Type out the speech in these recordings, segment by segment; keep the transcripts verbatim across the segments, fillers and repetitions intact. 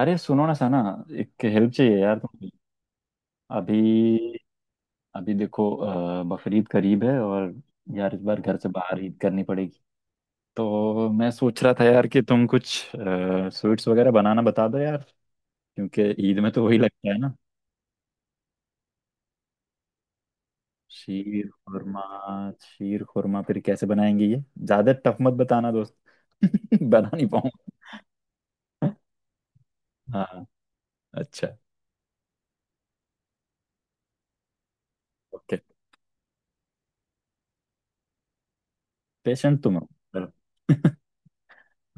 अरे सुनो ना साना। एक हेल्प चाहिए यार तुमसे। अभी। अभी देखो अ, बकरीद करीब है और यार इस बार घर से बाहर ईद करनी पड़ेगी। तो मैं सोच रहा था यार कि तुम कुछ स्वीट्स वगैरह बनाना बता दो यार। क्योंकि ईद में तो वही लगता है ना। शीर खुरमा। शीर खुरमा फिर कैसे बनाएंगे ये ज्यादा टफ मत बताना दोस्त। बना नहीं पाऊंगा। हाँ। अच्छा। ओके। पेशेंट तुम हो पर-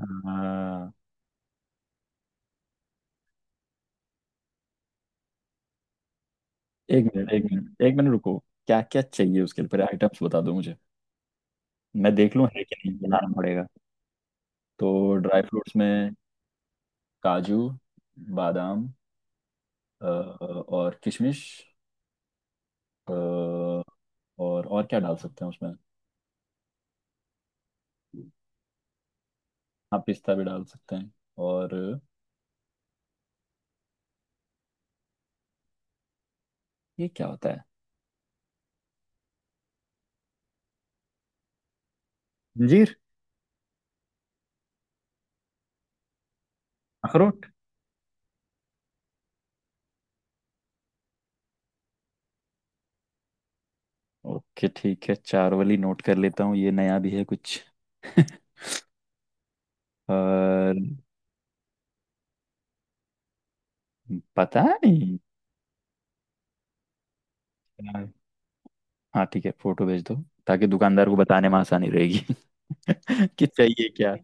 हाँ। एक मिनट एक मिनट एक मिनट रुको। क्या क्या चाहिए उसके लिए पहले आइटम्स बता दो मुझे। मैं देख लूँ है कि नहीं बनाना पड़ेगा। तो ड्राई फ्रूट्स में काजू, बादाम, अ, और किशमिश। अ, और और क्या डाल सकते हैं उसमें। हाँ पिस्ता भी डाल सकते हैं। और ये क्या होता है। अंजीर। अखरोट। ओके ठीक है चार वाली नोट कर लेता हूँ ये नया भी है कुछ। और पता नहीं। हाँ ठीक है फोटो भेज दो, ताकि दुकानदार को बताने में आसानी रहेगी। कि चाहिए क्या।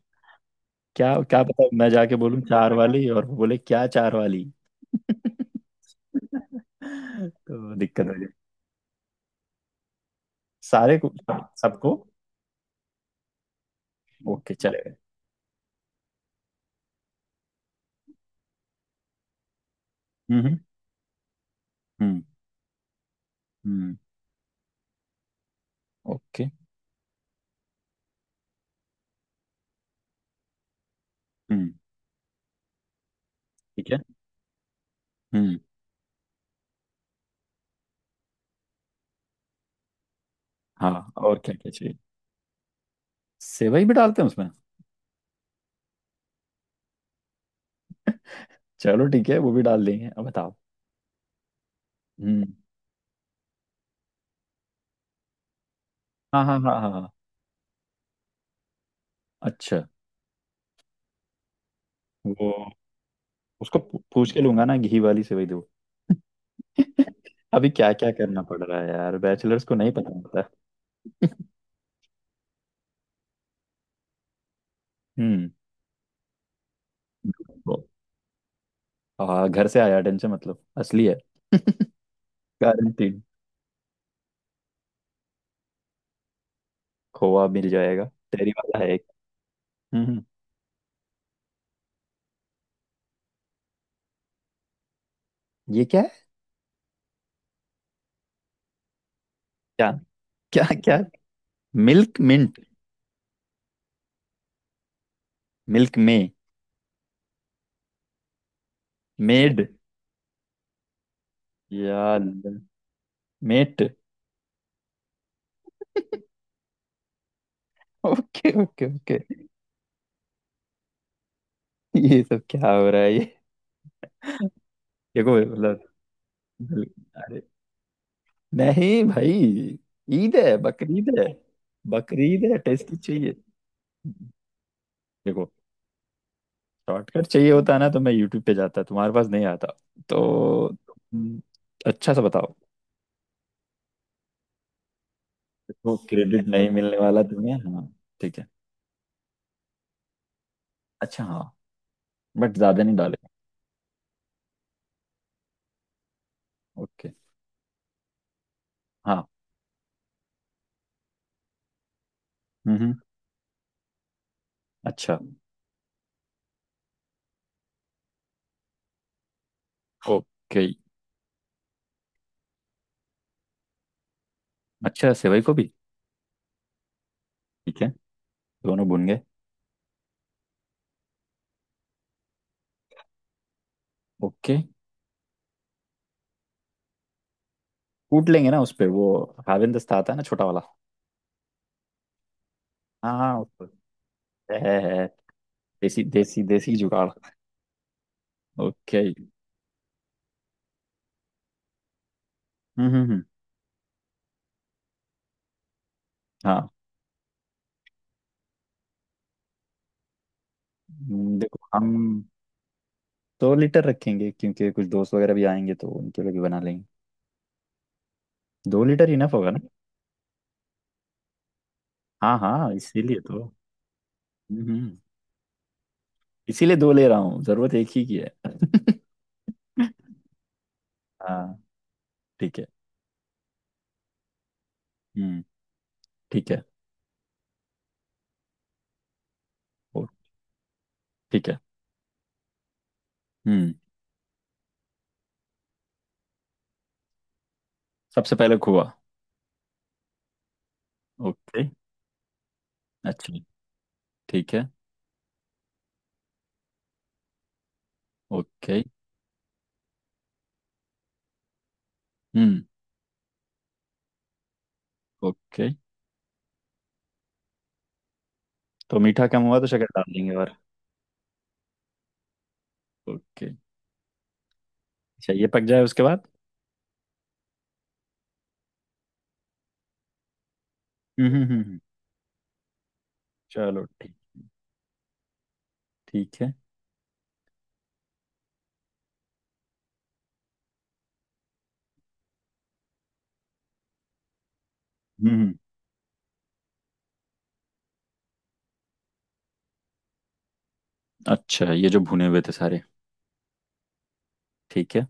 क्या क्या पता मैं जाके बोलूं चार वाली और वो बोले क्या चार वाली। तो दिक्कत हो जाए सारे को, सबको। ओके चलेगा। हम्म हम्म हम्म हम्म। ओके। हम्म। ठीक है। हम्म। हाँ और क्या क्या चाहिए। सेवई भी डालते हैं उसमें। चलो ठीक है वो भी डाल देंगे अब बताओ। हम्म। हाँ हाँ हाँ हाँ हाँ। अच्छा। वो उसको पू- पूछ के लूंगा ना घी वाली सेवई दो। अभी क्या क्या करना पड़ रहा है यार बैचलर्स को नहीं पता होता। हम्म। वो, हाँ घर से आया टेंशन, मतलब असली है। गारंटीड। खोआ मिल जाएगा। तेरी वाला है एक। हम्म। ये क्या है। क्या। क्या क्या। Milk mint. मिल्क में। मेड। यार। मेट। Okay okay okay. ये सब क्या हो रहा है ये। देखो मतलब। अरे। नहीं भाई। ईद है, बकरीद है। बकरीद है टेस्टी चाहिए। देखो। शॉर्टकट चाहिए होता ना तो मैं यूट्यूब पे जाता, तुम्हारे पास नहीं आता। तो तुम अच्छा सा बताओ। देखो क्रेडिट नहीं मिलने वाला तुम्हें हाँ। ठीक है। अच्छा हाँ। बट ज्यादा नहीं डालेगा। ओके। हाँ। हम्म हम्म। अच्छा। ओके। अच्छा सेवई को भी। ठीक है, दोनों भून गए। ओके। कूट लेंगे ना उस पे। वो हावेन दस्ता आता है ना छोटा वाला। हाँ हाँ उस पे। है है है। देसी देसी देसी जुगाड़। ओके हम्म। हम्म हम्म। हाँ। हम्म। देखो हम दो लीटर रखेंगे क्योंकि कुछ दोस्त वगैरह भी आएंगे तो उनके लिए भी बना लेंगे। दो लीटर इनफ होगा ना। हाँ हाँ इसीलिए तो। हम्म। इसीलिए दो ले रहा हूँ, जरूरत एक ही की है। हाँ। ठीक है। हम्म। ठीक है। ओ। ठीक है। हम्म। सबसे पहले खोआ। ओके। अच्छा। ठीक है। ओके। हम्म। ओके। तो मीठा कम हुआ तो शक्कर डाल देंगे और। ओके। अच्छा ये पक जाए उसके बाद। हम्म हम्म हम्म हम्म। चलो ठीक। ठीक है। हम्म। अच्छा ये जो भुने हुए थे सारे। ठीक है।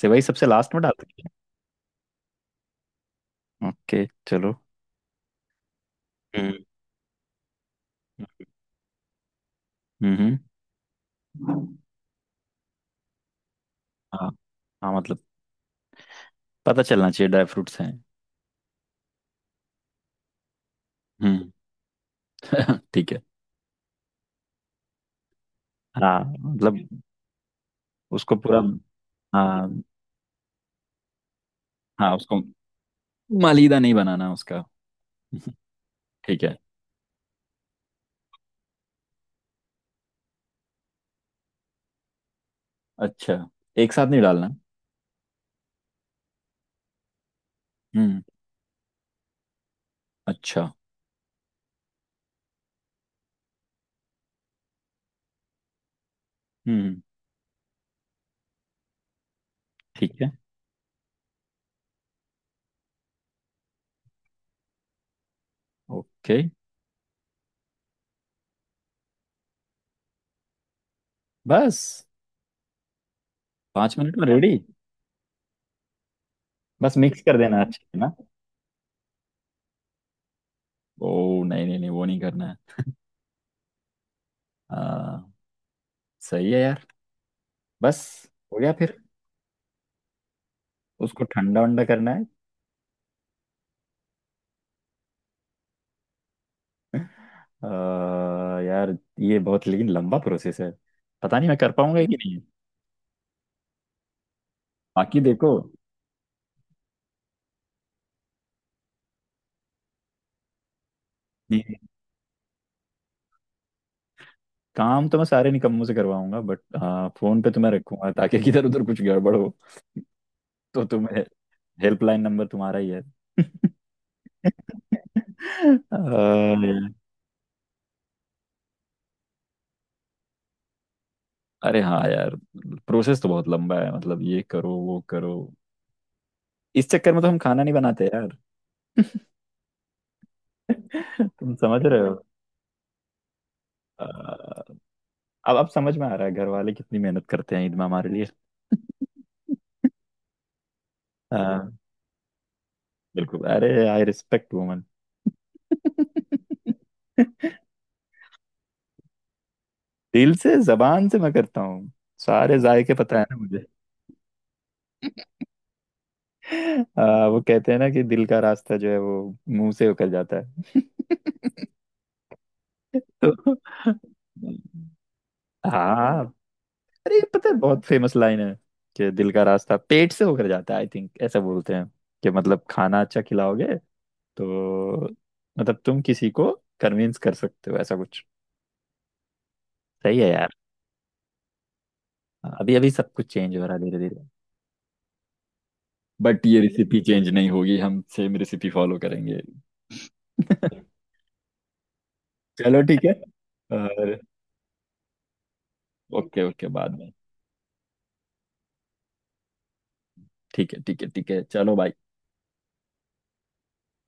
सेवई सबसे लास्ट में डाल। ओके चलो। हम्म। हम्म। हाँ हाँ मतलब पता चलना चाहिए ड्राई फ्रूट्स हैं। हम्म। ठीक है। हाँ मतलब उसको पूरा। हाँ। हाँ उसको मालीदा नहीं बनाना उसका। ठीक है। अच्छा एक साथ नहीं डालना। हम्म। अच्छा। हम्म। ठीक है। ओके। बस। पाँच मिनट में रेडी। बस मिक्स कर देना अच्छे से ना। ओ नहीं नहीं नहीं वो नहीं करना है। आ, सही है यार। बस। हो गया फिर। उसको ठंडा वंडा करना है। अ, यार ये बहुत लेकिन लंबा प्रोसेस है, पता नहीं मैं कर पाऊंगा कि नहीं। बाकी देखो। ये काम तो मैं सारे निकम्मों से करवाऊंगा, बट हाँ फोन पे तुम्हें रखूंगा ताकि किधर उधर कुछ गड़बड़ हो तो तुम्हें हेल्पलाइन नंबर तुम्हारा ही है। अ, अरे हाँ यार। प्रोसेस तो बहुत लंबा है, मतलब ये करो वो करो। इस चक्कर में तो हम खाना नहीं बनाते यार। तुम समझ रहे हो। अ, अब अब समझ में आ रहा है घर वाले कितनी मेहनत करते हैं ईद में हमारे लिए। हाँ। बिल्कुल, अरे आई रिस्पेक्ट वुमन। दिल से, जबान से मैं करता हूँ। सारे जायके पता है ना मुझे। आ, वो कहते हैं ना कि दिल का रास्ता जो है वो मुंह से होकर जाता है। तो हाँ अरे ये पता है बहुत फेमस लाइन है कि दिल का रास्ता पेट से होकर जाता है, आई थिंक ऐसा बोलते हैं। कि मतलब खाना अच्छा खिलाओगे तो मतलब तुम किसी को कन्विंस कर सकते हो ऐसा कुछ। सही है यार। अभी अभी सब कुछ चेंज हो रहा है धीरे धीरे। बट ये रेसिपी चेंज नहीं होगी, हम सेम रेसिपी फॉलो करेंगे। चलो ठीक है। और ओके ओके बाद में। ठीक है ठीक है ठीक है चलो बाय।